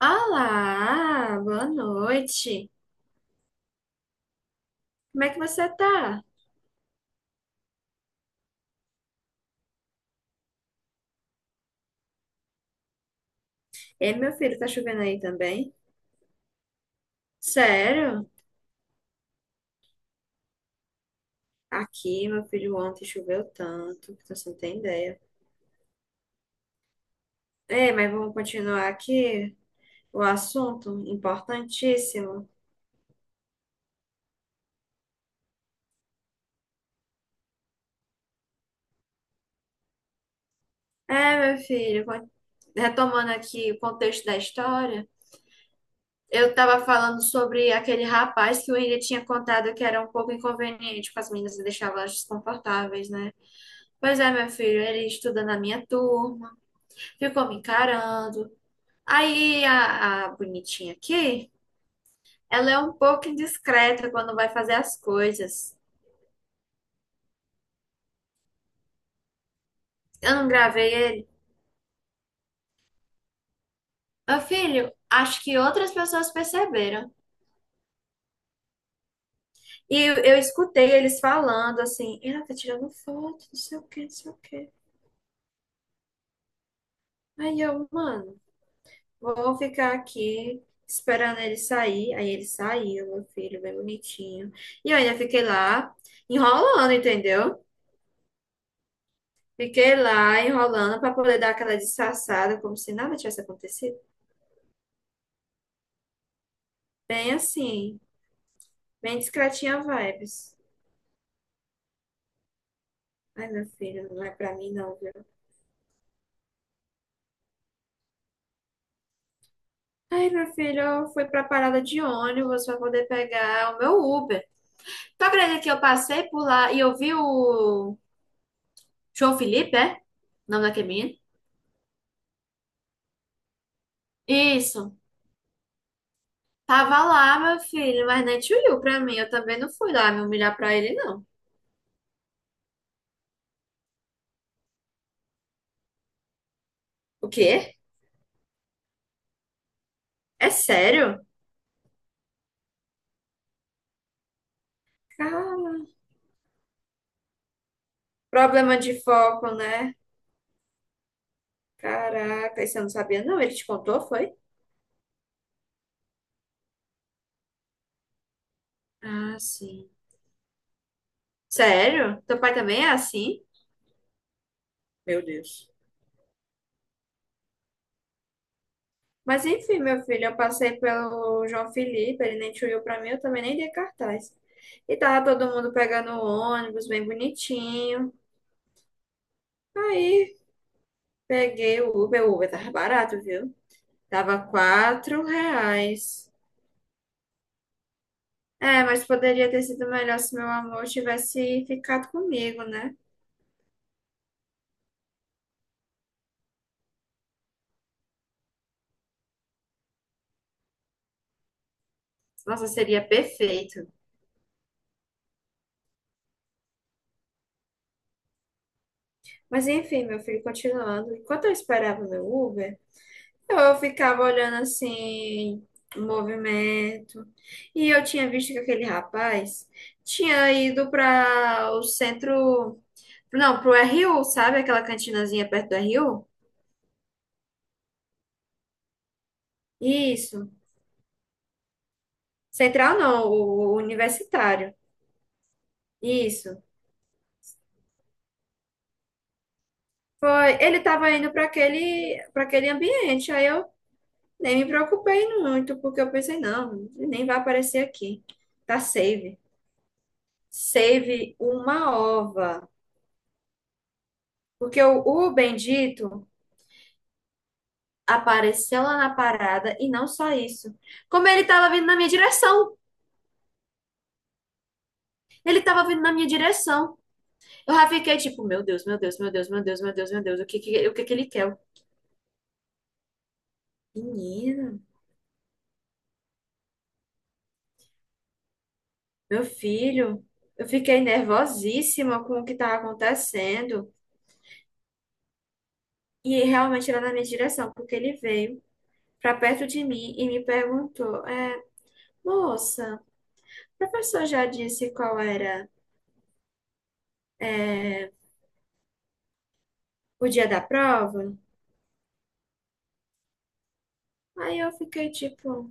Olá, boa noite. Como é que você tá? Ei, meu filho, tá chovendo aí também? Sério? Aqui, meu filho, ontem choveu tanto que você não tem ideia. Ei, mas vamos continuar aqui o assunto importantíssimo. É, meu filho, retomando aqui o contexto da história, eu tava falando sobre aquele rapaz que o William tinha contado que era um pouco inconveniente com as meninas e deixava elas desconfortáveis, né? Pois é, meu filho, ele estuda na minha turma. Ficou me encarando. Aí a bonitinha aqui, ela é um pouco indiscreta quando vai fazer as coisas. Eu não gravei ele. Meu filho, acho que outras pessoas perceberam. E eu escutei eles falando assim, ela tá tirando foto, não sei o que, não sei o que. Aí eu, mano, vou ficar aqui esperando ele sair. Aí ele saiu, meu filho, bem bonitinho. E eu ainda fiquei lá enrolando, entendeu? Fiquei lá enrolando para poder dar aquela disfarçada, como se nada tivesse acontecido. Bem assim, bem discretinha vibes. Ai, meu filho, não é pra mim não, viu? Ai, meu filho, eu fui pra parada de ônibus pra poder pegar o meu Uber. Tu acredita que eu passei por lá e eu vi o João Felipe, é? O nome daquele menino? Isso. Tava lá, meu filho, mas nem te olhou pra mim. Eu também não fui lá me humilhar pra ele, não. O quê? É sério? Cara, problema de foco, né? Caraca, isso eu não sabia, não. Ele te contou, foi? Ah, sim. Sério? Teu pai também é assim? Meu Deus. Mas enfim, meu filho, eu passei pelo João Felipe, ele nem te olhou pra mim, eu também nem dei cartaz. E tava todo mundo pegando o ônibus, bem bonitinho. Aí peguei o Uber tava barato, viu? Tava R$ 4. É, mas poderia ter sido melhor se meu amor tivesse ficado comigo, né? Nossa, seria perfeito. Mas enfim, meu filho, continuando. Enquanto eu esperava o meu Uber, eu ficava olhando assim, o movimento. E eu tinha visto que aquele rapaz tinha ido para o centro, não, pro RU, sabe? Aquela cantinazinha perto do RU? Isso. Central não, o universitário. Isso. Foi, ele estava indo para aquele ambiente. Aí eu nem me preocupei muito, porque eu pensei, não, ele nem vai aparecer aqui. Tá safe. Save uma ova. Porque o bendito apareceu lá na parada e não só isso. Como ele tava vindo na minha direção. Ele tava vindo na minha direção. Eu já fiquei tipo, meu Deus, meu Deus, meu Deus, meu Deus, meu Deus, meu Deus. O que que ele quer? Menina, meu filho. Eu fiquei nervosíssima com o que tava acontecendo. E realmente era na minha direção, porque ele veio pra perto de mim e me perguntou, moça, o professor já disse qual era o dia da prova. Aí eu fiquei tipo,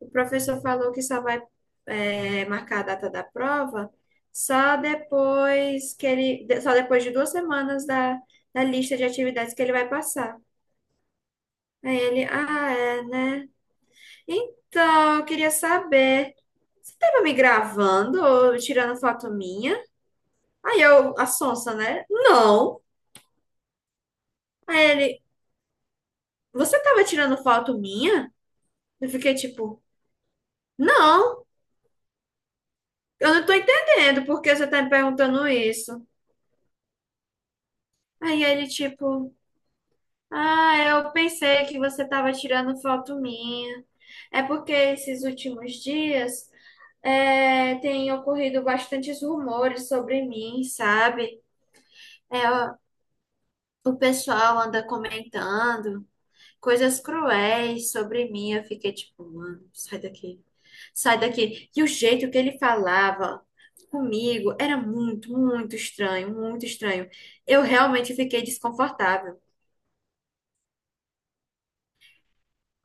o professor falou que só vai marcar a data da prova só depois que ele, só depois de 2 semanas da, da lista de atividades que ele vai passar. Aí ele, ah, é, né? Então, eu queria saber, você tava me gravando ou tirando foto minha? Aí eu, a sonsa, né? Não. Aí ele, você tava tirando foto minha? Eu fiquei tipo, não. Eu não tô entendendo por que você tá me perguntando isso. Aí ele, tipo, ah, eu pensei que você tava tirando foto minha. É porque esses últimos dias tem ocorrido bastantes rumores sobre mim, sabe? É, o pessoal anda comentando coisas cruéis sobre mim. Eu fiquei tipo, mano, sai daqui, sai daqui. E o jeito que ele falava comigo era muito estranho, muito estranho. Eu realmente fiquei desconfortável.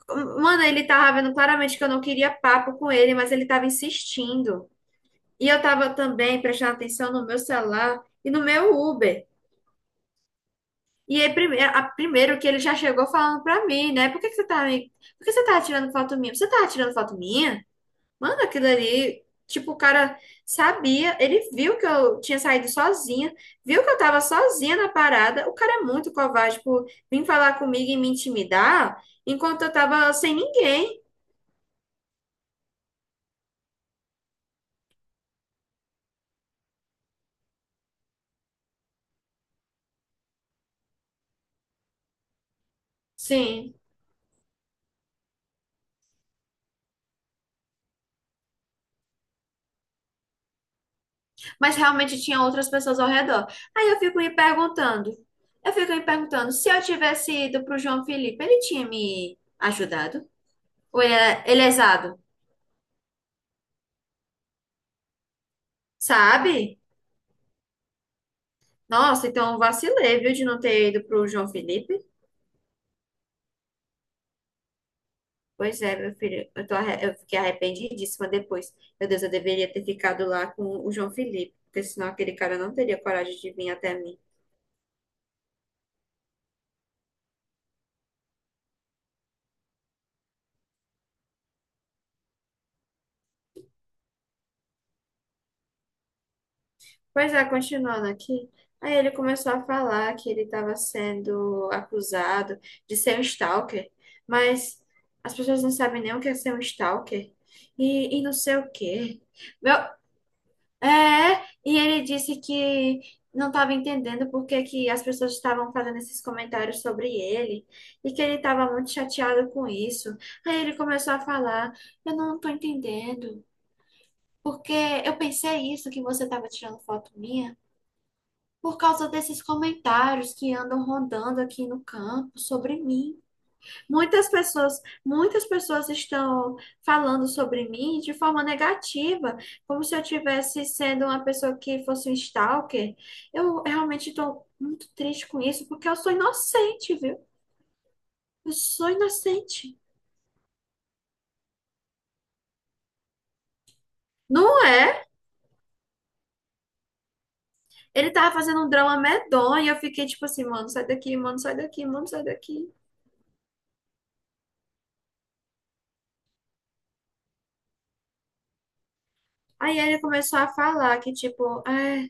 Mano, ele tava vendo claramente que eu não queria papo com ele, mas ele tava insistindo. E eu tava também prestando atenção no meu celular e no meu Uber. E aí, primeiro, primeiro que ele já chegou falando pra mim, né? Por que que você tá, por que você tá tirando foto minha? Você tá tirando foto minha? Mano, aquilo ali, tipo, o cara sabia, ele viu que eu tinha saído sozinha, viu que eu tava sozinha na parada. O cara é muito covarde por vir falar comigo e me intimidar enquanto eu tava sem ninguém. Sim, mas realmente tinha outras pessoas ao redor. Aí eu fico me perguntando, eu fico me perguntando, se eu tivesse ido pro João Felipe, ele tinha me ajudado? Ou ele é exado, sabe? Nossa, então eu vacilei, viu, de não ter ido pro João Felipe. Pois é, meu filho, eu fiquei arrependidíssima depois. Meu Deus, eu deveria ter ficado lá com o João Felipe, porque senão aquele cara não teria coragem de vir até mim. Pois é, continuando aqui, aí ele começou a falar que ele estava sendo acusado de ser um stalker, mas as pessoas não sabem nem o que é ser um stalker e não sei o quê. Meu É, e ele disse que não estava entendendo por que que as pessoas estavam fazendo esses comentários sobre ele e que ele estava muito chateado com isso. Aí ele começou a falar: eu não estou entendendo, porque eu pensei isso que você estava tirando foto minha por causa desses comentários que andam rondando aqui no campo sobre mim. Muitas pessoas estão falando sobre mim de forma negativa, como se eu tivesse sendo uma pessoa que fosse um stalker. Eu realmente estou muito triste com isso, porque eu sou inocente, viu? Eu sou inocente. Não é? Ele tava fazendo um drama medonho, e eu fiquei tipo assim, mano, sai daqui, mano, sai daqui, mano, sai daqui. Aí ele começou a falar que, tipo,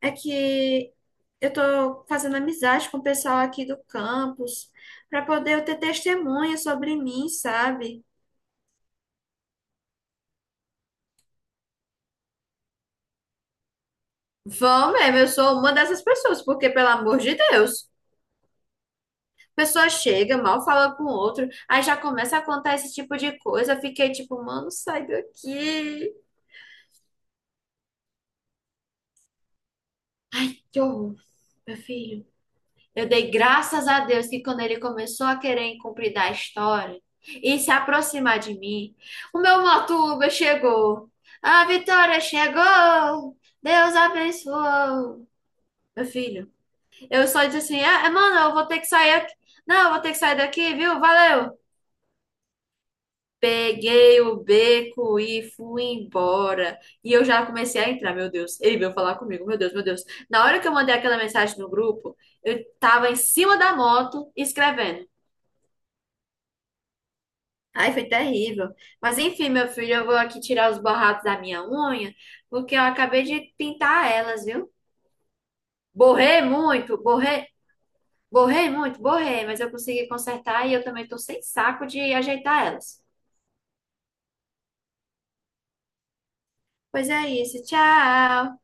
é que eu estou fazendo amizade com o pessoal aqui do campus para poder eu ter testemunha sobre mim, sabe? Vão mesmo, eu sou uma dessas pessoas, porque, pelo amor de Deus, a pessoa chega, mal fala com o outro, aí já começa a contar esse tipo de coisa. Eu fiquei tipo, mano, sai daqui. Ai, que horror, meu filho. Eu dei graças a Deus que quando ele começou a querer incumpridar a história e se aproximar de mim, o meu motuba chegou. A vitória chegou. Deus abençoou. Meu filho, eu só disse assim: mano, eu vou ter que sair aqui. Não, eu vou ter que sair daqui, viu? Valeu. Peguei o beco e fui embora. E eu já comecei a entrar, meu Deus. Ele veio falar comigo, meu Deus, meu Deus. Na hora que eu mandei aquela mensagem no grupo, eu tava em cima da moto escrevendo. Ai, foi terrível. Mas enfim, meu filho, eu vou aqui tirar os borrados da minha unha, porque eu acabei de pintar elas, viu? Borrei muito, borrei, borrei muito, borrei, mas eu consegui consertar e eu também tô sem saco de ajeitar elas. Pois é isso, tchau!